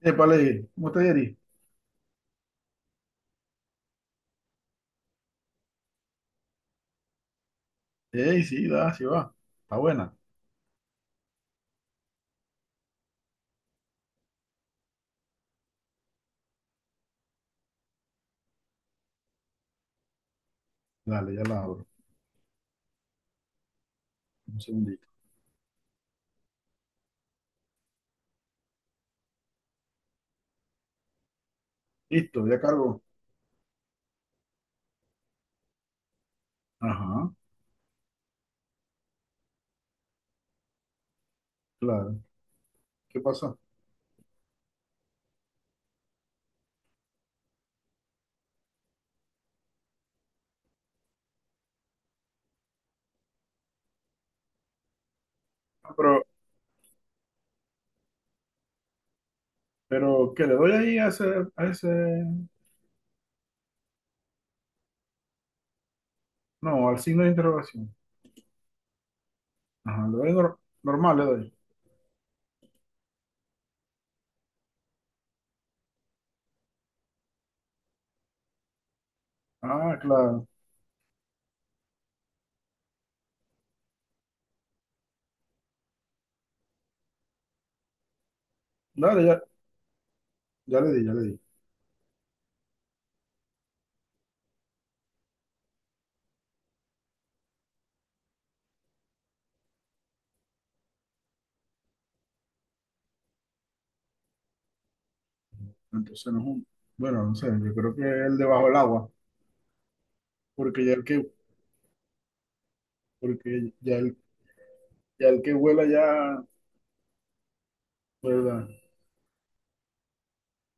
Épale, ¿cómo está Yeri? Ey, sí, da, sí va. Está buena. Dale, ya la abro. Un segundito. Listo, ya cargo. Ajá, claro. ¿Qué pasa? Ah, pero, ¿qué le doy ahí a ese? No, al signo de interrogación. Ajá, le doy normal, le doy. Ah, claro. Dale, ya le di, ya le di. Entonces no es un. Bueno, no sé, yo creo que el debajo del agua. Porque ya el que, porque ya el que vuela ya, ¿verdad?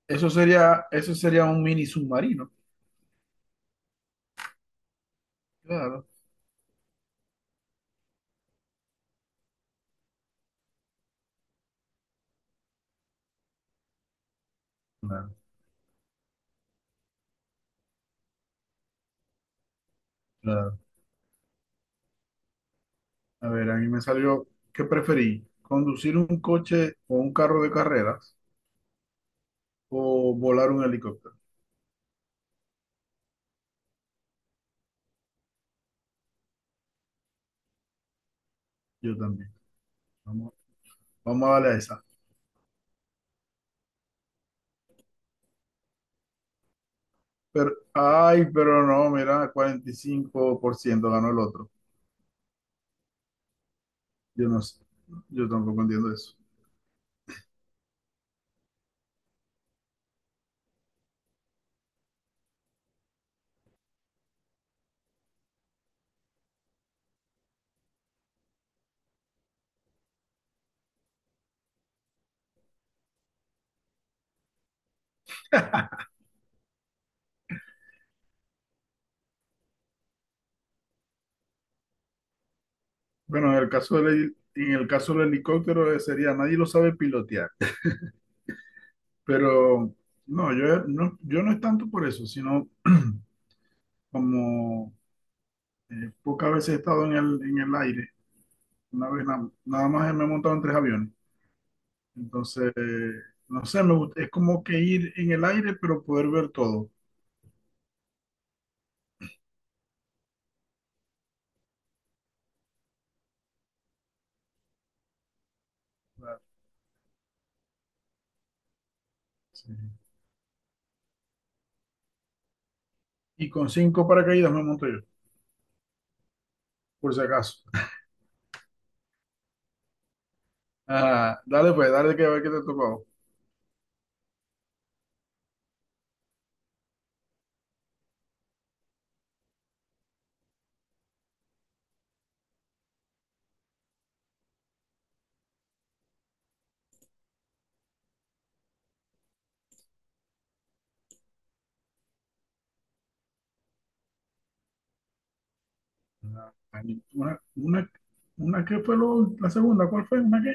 Eso sería un mini submarino. Claro. Claro, claro. A ver, a mí me salió, ¿qué preferí? ¿Conducir un coche o un carro de carreras o volar un helicóptero? Yo también. Vamos, vamos a darle a esa. Pero, ay, pero no, mira, 45% ganó el otro. Yo no sé, yo tampoco entiendo eso. Bueno, en el caso del helicóptero, sería, nadie lo sabe pilotear, pero no, yo no es tanto por eso, sino como pocas veces he estado en el aire. Una vez nada más me he montado en tres aviones. Entonces, no sé, me gusta, es como que ir en el aire, pero poder ver todo. Sí. Y con cinco paracaídas me monto yo, por si acaso. Ah, dale pues, dale que a ver qué te ha tocado. Ah, Una, una, una que fue la segunda, ¿cuál fue? ¿Una qué?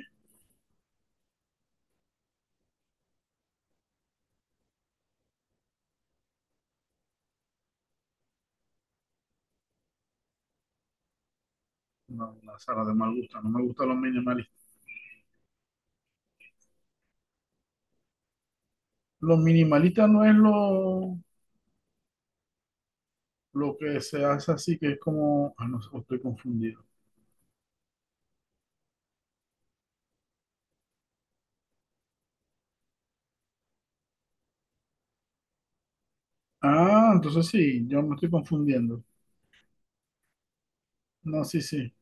No, la sala de mal gusto, no me gusta los minimalistas. Los minimalistas no es lo que se hace así, que es como, ah, no, estoy confundido. Ah, entonces sí, yo me estoy confundiendo. No, sí, sí.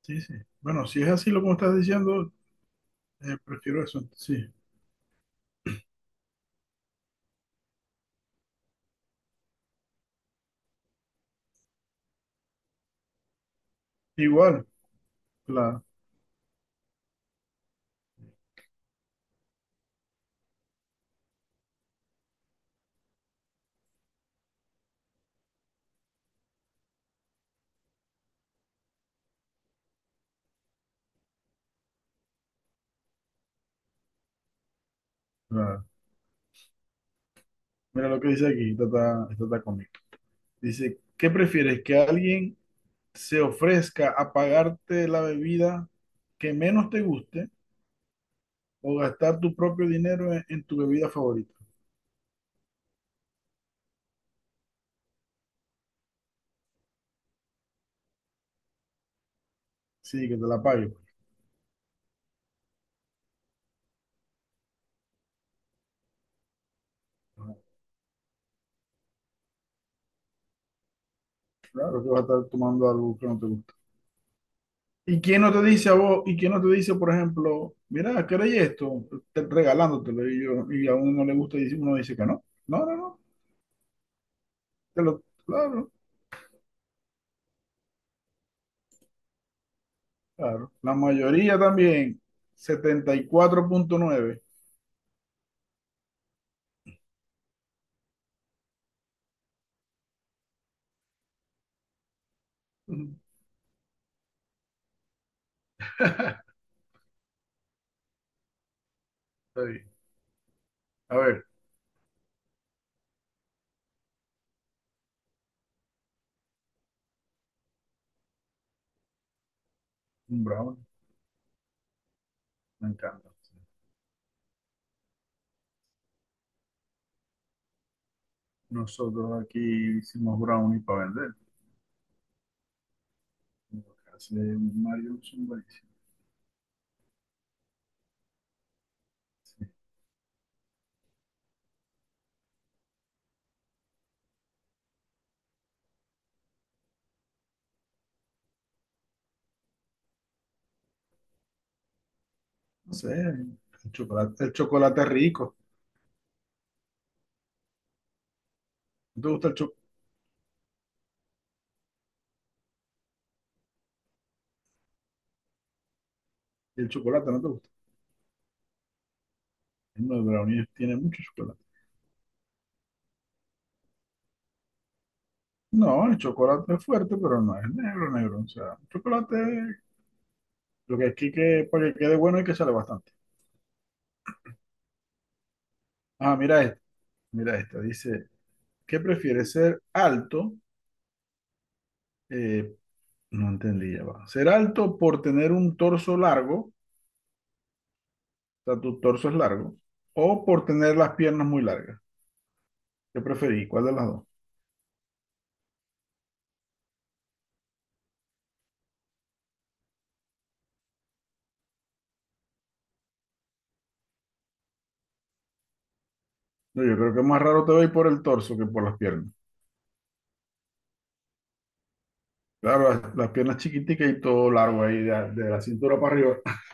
Sí, sí. Bueno, si es así lo como estás diciendo, prefiero eso. Sí. Igual, la, la- mira lo que dice aquí, esta está conmigo. Dice, ¿qué prefieres? ¿Que alguien se ofrezca a pagarte la bebida que menos te guste o gastar tu propio dinero en tu bebida favorita? Sí, que te la pague, pues. Ajá. Claro que vas a estar tomando algo que no te gusta. ¿Y quién no te dice a vos? ¿Y quién no te dice, por ejemplo, mira, ¿queréis esto? Regalándotelo y, y a uno no le gusta y uno dice que no. No, no, no. Claro, claro. La mayoría también, 74.9. Ujú. Está bien. A ver, un brownie, me encanta. Nosotros aquí hicimos brownie para vender. Lo que hace Mario son buenísimos. No sé, el chocolate es rico. ¿No te gusta el chocolate? ¿No te gusta? No, el brownie tiene mucho chocolate. No, el chocolate es fuerte, pero no es negro, negro. O sea, el chocolate, lo que aquí que para que quede bueno hay que sale bastante. Ah, mira esto, mira esto. Dice, ¿qué prefieres? ¿Ser alto? eh, no entendí, ya va. ¿Ser alto por tener un torso largo? O sea, tu torso es largo. ¿O por tener las piernas muy largas? ¿Qué preferís? ¿Cuál de las dos? No, yo creo que más raro te va por el torso que por las piernas. Claro, las piernas chiquiticas y todo largo ahí, de la cintura para arriba.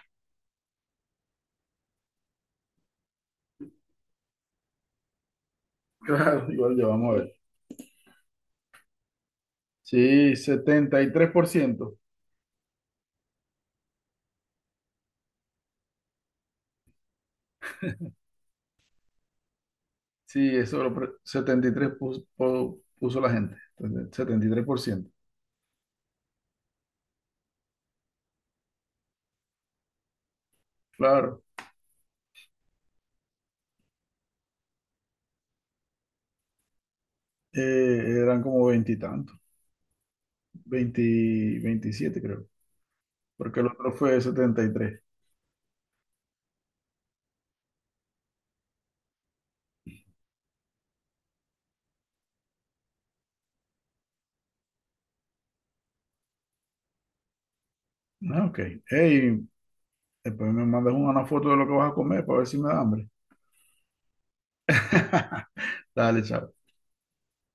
Claro, igual ya vamos a ver. Sí, 73%. Sí, eso 73 puso, puso la gente. Entonces, 73%. Claro, eran como veintitantos. 20 27 creo. Porque el otro fue 73. Ah, ok. Hey, después me mandas una foto de lo que vas a comer para ver si me da hambre. Dale, chao.